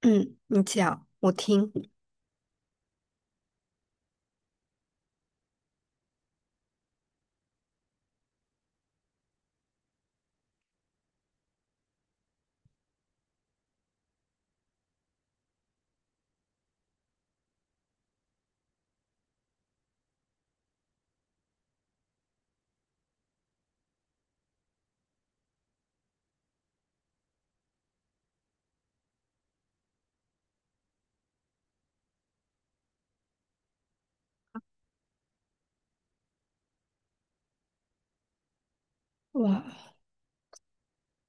嗯，你讲，我听。哇，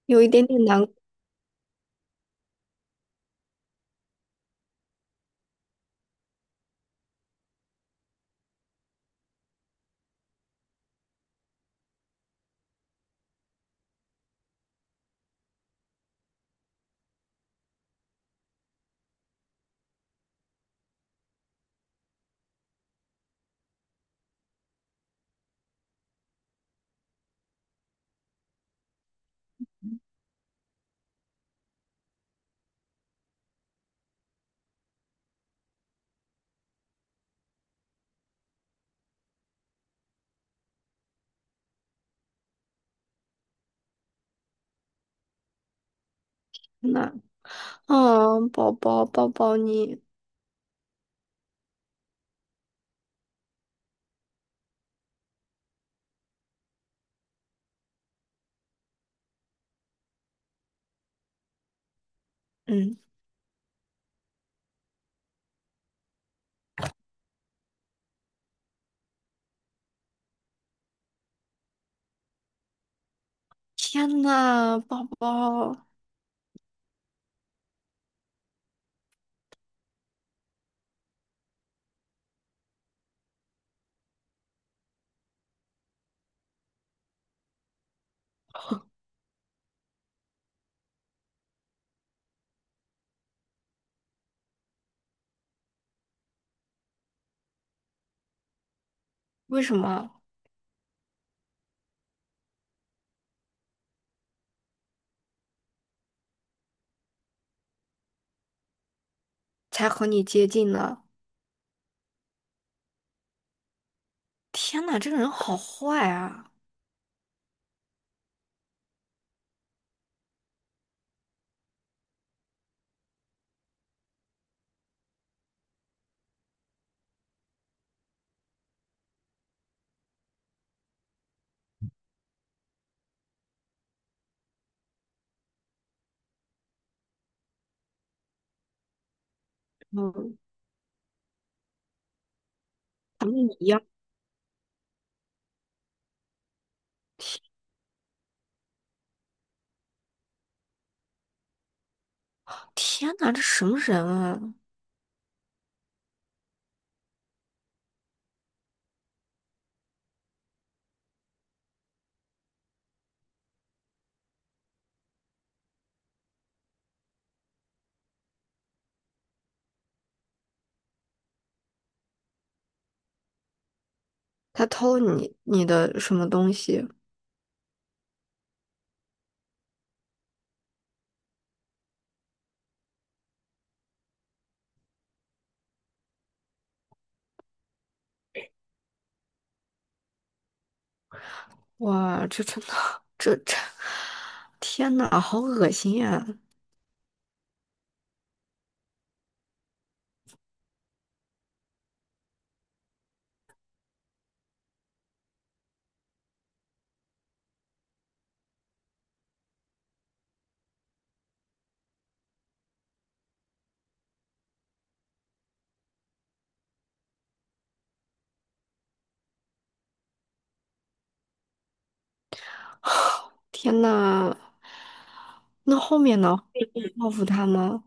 有一点点难过呢。啊，宝宝，抱抱你。嗯，天呐，宝宝，为什么才和你接近呢？天呐，这个人好坏啊！嗯，咱你一样。天呐，这什么人啊？他偷你的什么东西？哇，这真的，这这，天呐，好恶心呀、天呐，那后面呢？报复他吗？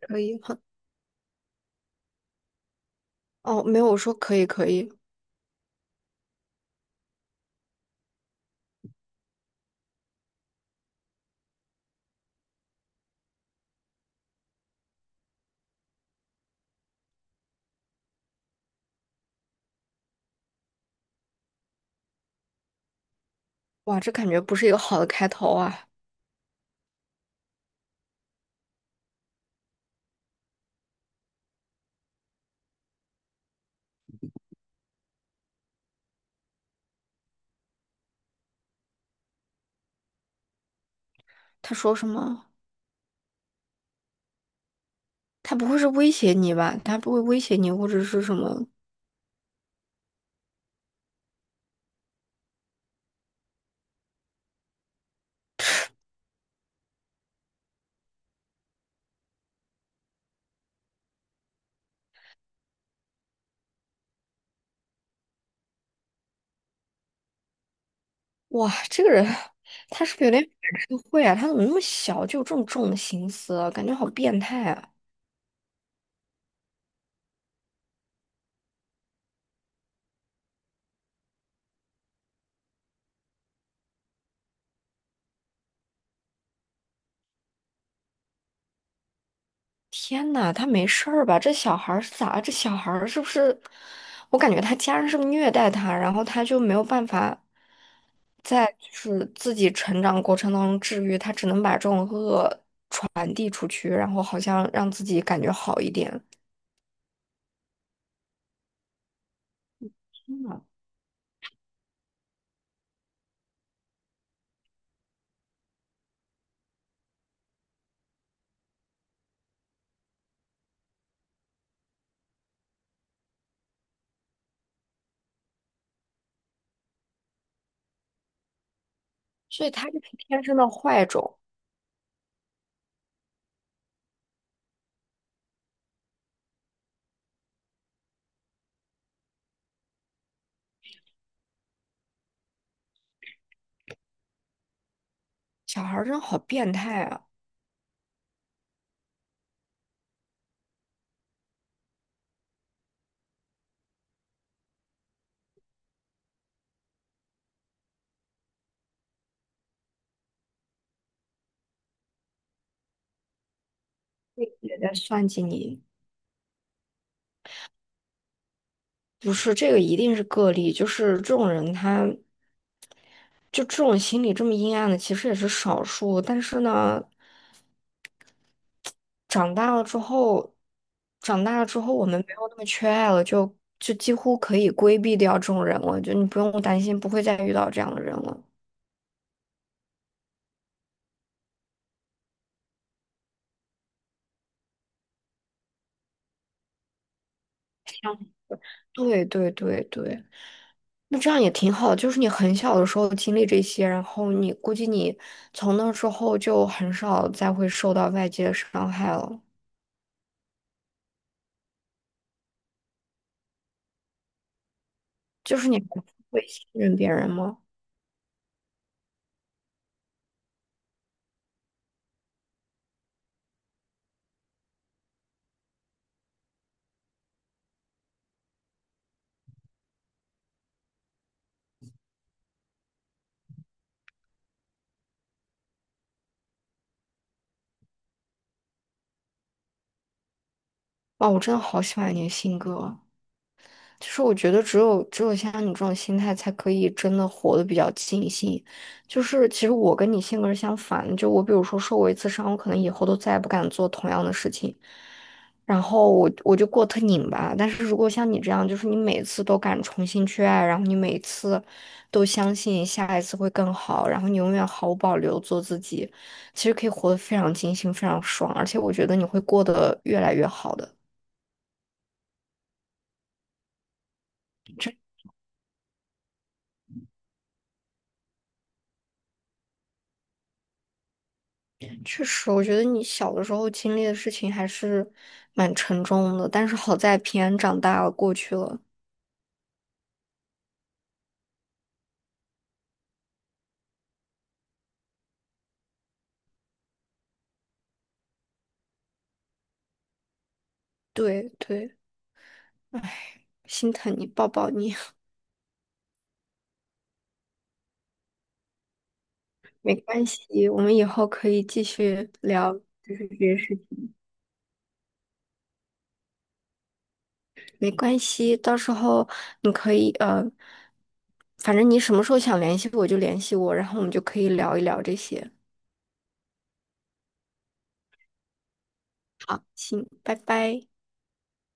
可以，哼哦，没有，我说可以，可以。哇，这感觉不是一个好的开头啊。他说什么？他不会是威胁你吧？他不会威胁你，或者是什么？哇，这个人，他是不是有点反社会啊？他怎么那么小就有这种重的心思啊，感觉好变态啊！天呐，他没事儿吧？这小孩儿是咋了？这小孩儿是不是？我感觉他家人是不是虐待他，然后他就没有办法在就是自己成长过程当中治愈，他只能把这种恶。然后好像让自己感觉好一点。天呐，所以他就是天生的坏种。小孩儿真好变态啊。也在算计你。不是，这个一定是个例，就是这种人他，就这种心理这么阴暗的，其实也是少数。但是呢，长大了之后，长大了之后，我们没有那么缺爱了，就几乎可以规避掉这种人了，就你不用担心不会再遇到这样的人了。对对对对。那这样也挺好，就是你很小的时候经历这些，然后你估计你从那之后就很少再会受到外界的伤害了。就是你还会信任别人吗？哇，我真的好喜欢你的性格啊。其实我觉得只有像你这种心态，才可以真的活得比较尽兴。就是其实我跟你性格是相反的，就我比如说受过一次伤，我可能以后都再也不敢做同样的事情，然后我就过得特拧巴。但是如果像你这样，就是你每次都敢重新去爱，然后你每次都相信下一次会更好，然后你永远毫无保留做自己，其实可以活得非常尽兴，非常爽，而且我觉得你会过得越来越好的。确实，我觉得你小的时候经历的事情还是蛮沉重的，但是好在平安长大了，过去了。对对，唉，心疼你，抱抱你。没关系，我们以后可以继续聊，就是这些事情。没关系，到时候你可以反正你什么时候想联系我就联系我，然后我们就可以聊一聊这些。好，行，拜拜。